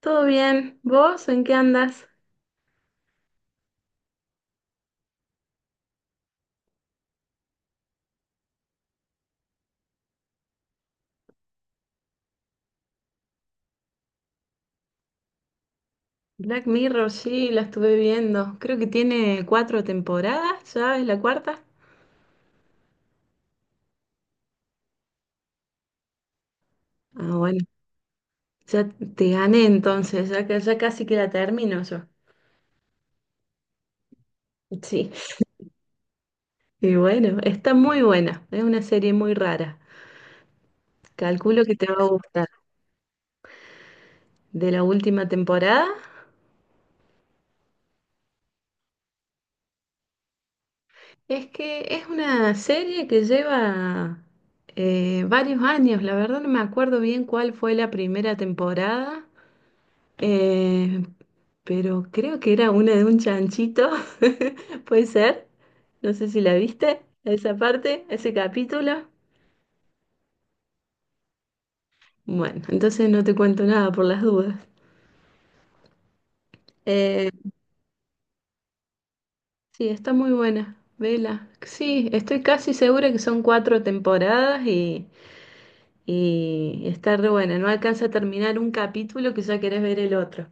Todo bien. ¿Vos en qué andas? Black Mirror, sí, la estuve viendo. Creo que tiene cuatro temporadas, ¿ya es la cuarta? Ah, bueno, ya te gané entonces, ya casi que la termino yo. Sí, y bueno, está muy buena, es una serie muy rara. Calculo que te va a gustar. De la última temporada, es que es una serie que lleva varios años, la verdad no me acuerdo bien cuál fue la primera temporada. Eh, pero creo que era una de un chanchito, puede ser. No sé si la viste, esa parte, ese capítulo. Bueno, entonces no te cuento nada por las dudas. Eh, sí, está muy buena, vela. Sí, estoy casi segura que son cuatro temporadas y está re buena. No alcanza a terminar un capítulo que ya querés ver el otro.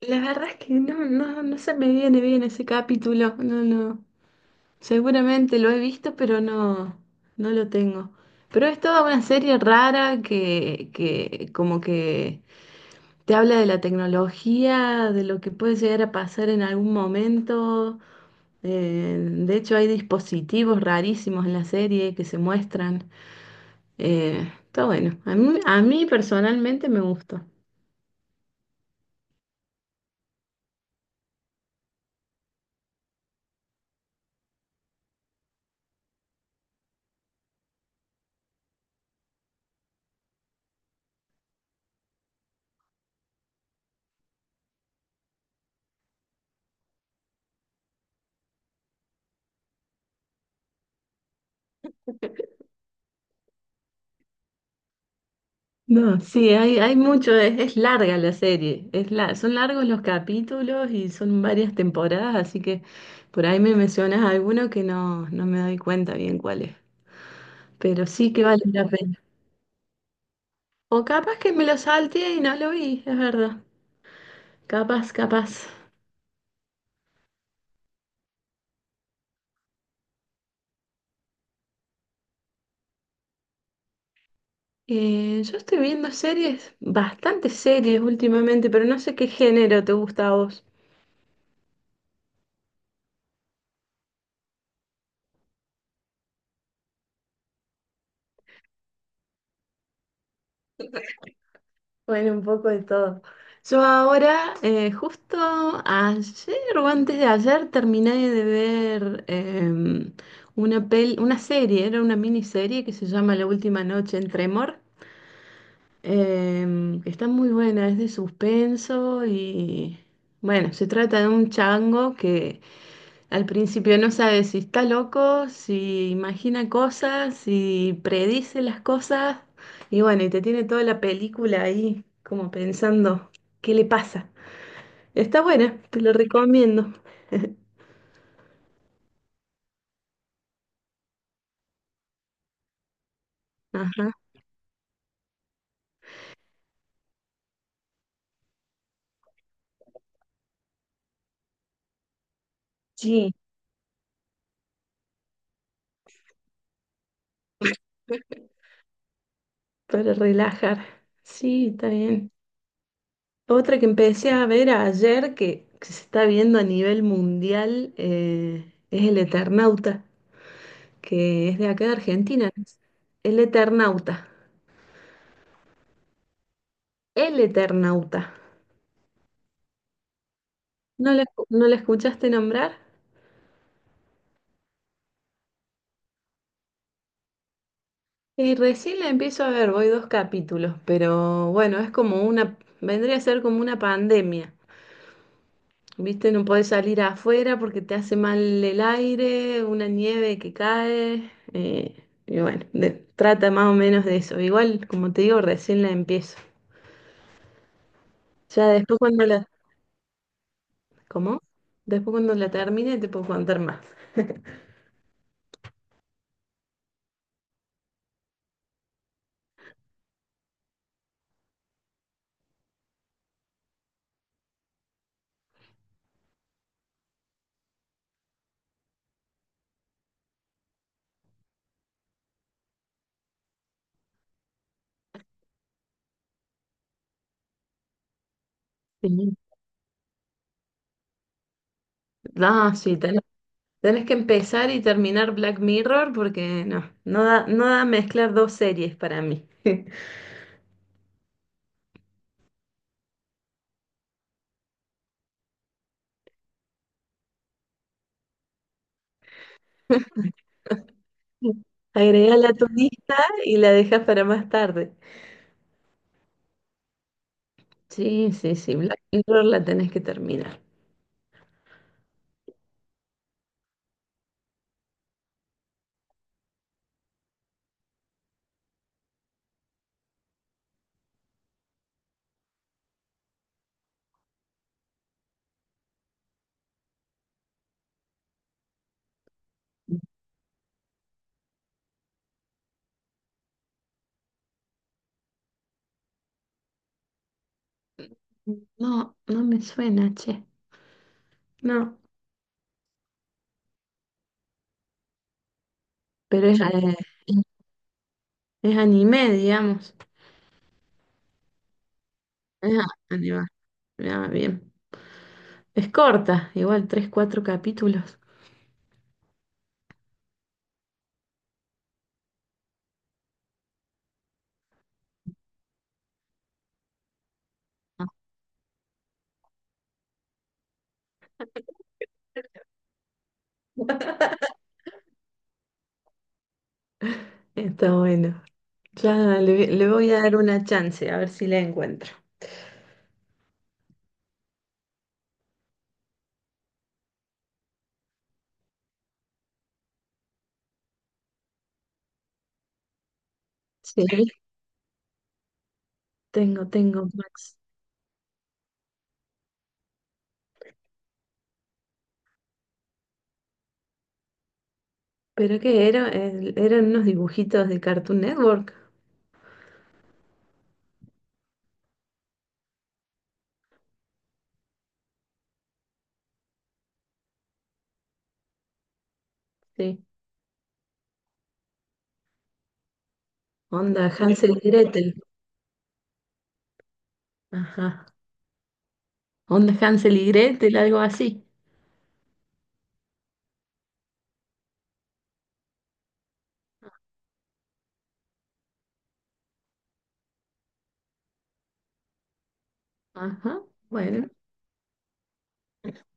La verdad es que no se me viene bien ese capítulo. No, no. Seguramente lo he visto, pero no lo tengo. Pero es toda una serie rara que como que te habla de la tecnología, de lo que puede llegar a pasar en algún momento. Eh, de hecho, hay dispositivos rarísimos en la serie que se muestran. Está bueno. A mí personalmente me gustó. No, sí, hay mucho, es larga la serie, son largos los capítulos y son varias temporadas, así que por ahí me mencionas alguno que no me doy cuenta bien cuál es, pero sí que vale la pena. O capaz que me lo salteé y no lo vi, es verdad, capaz, capaz. Yo estoy viendo series, bastantes series últimamente, pero no sé qué género te gusta a vos. Bueno, un poco de todo. Yo ahora, justo ayer o antes de ayer, terminé de ver una serie, era una miniserie que se llama La última noche en Tremor. Está muy buena, es de suspenso y bueno, se trata de un chango que al principio no sabe si está loco, si imagina cosas, si predice las cosas. Y bueno, y te tiene toda la película ahí como pensando, ¿qué le pasa? Está buena, te lo recomiendo. Ajá. Sí. Para relajar. Sí, está bien. Otra que empecé a ver ayer que se está viendo a nivel mundial es El Eternauta, que es de acá de Argentina, ¿no? El Eternauta. El Eternauta. No la escuchaste nombrar. Y recién la empiezo a ver, voy dos capítulos, pero bueno, es como una, vendría a ser como una pandemia. ¿Viste? No podés salir afuera porque te hace mal el aire, una nieve que cae. Y bueno, trata más o menos de eso. Igual, como te digo, recién la empiezo. Ya después cuando la... ¿Cómo? Después cuando la termine te puedo contar más. Sí. Ah, sí, tenés que empezar y terminar Black Mirror porque no da mezclar dos series para mí. Agregala a tu lista y la dejas para más tarde. Sí, sí, sí, Black Mirror la tenés que terminar. No, no me suena, che. No, pero es anime, digamos. Es a- Anime. Ah, bien. Es corta, igual, tres, cuatro capítulos. Ah, está bueno. Claro, le voy a dar una chance, a ver si la encuentro. Sí, Max. ¿Pero qué era? Eran unos dibujitos de Cartoon Network. Sí. Onda Hansel y Gretel. Ajá. Onda Hansel y Gretel, algo así. Ajá. Bueno,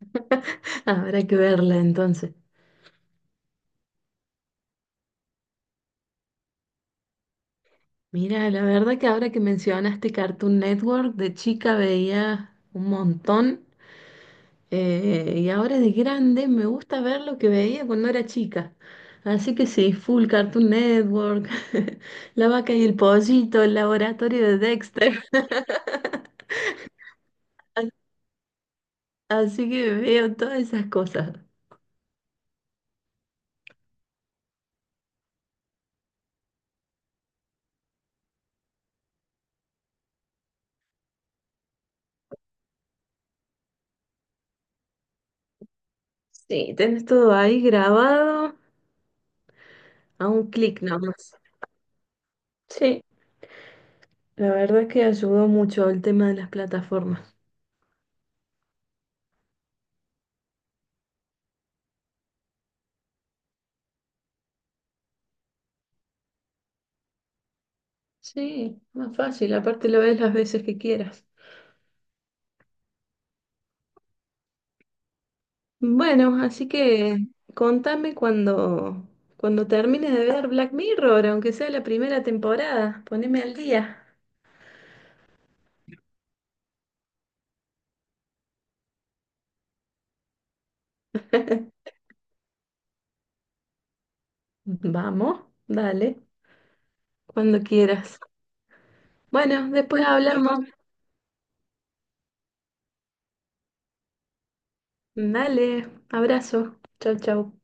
habrá que verla entonces. Mira, la verdad que ahora que mencionaste Cartoon Network, de chica veía un montón. Y ahora de grande me gusta ver lo que veía cuando era chica. Así que sí, full Cartoon Network, la vaca y el pollito, el laboratorio de Dexter. A- Así que veo todas esas cosas. Sí, tenés todo ahí grabado a un clic nomás. Sí, la verdad es que ayudó mucho el tema de las plataformas. Sí, más fácil, aparte lo ves las veces que quieras. Bueno, así que contame cuando, cuando termines de ver Black Mirror, aunque sea la primera temporada, poneme al día. Vamos, dale, cuando quieras. Bueno, después hablamos. Dale, abrazo. Chau, chau.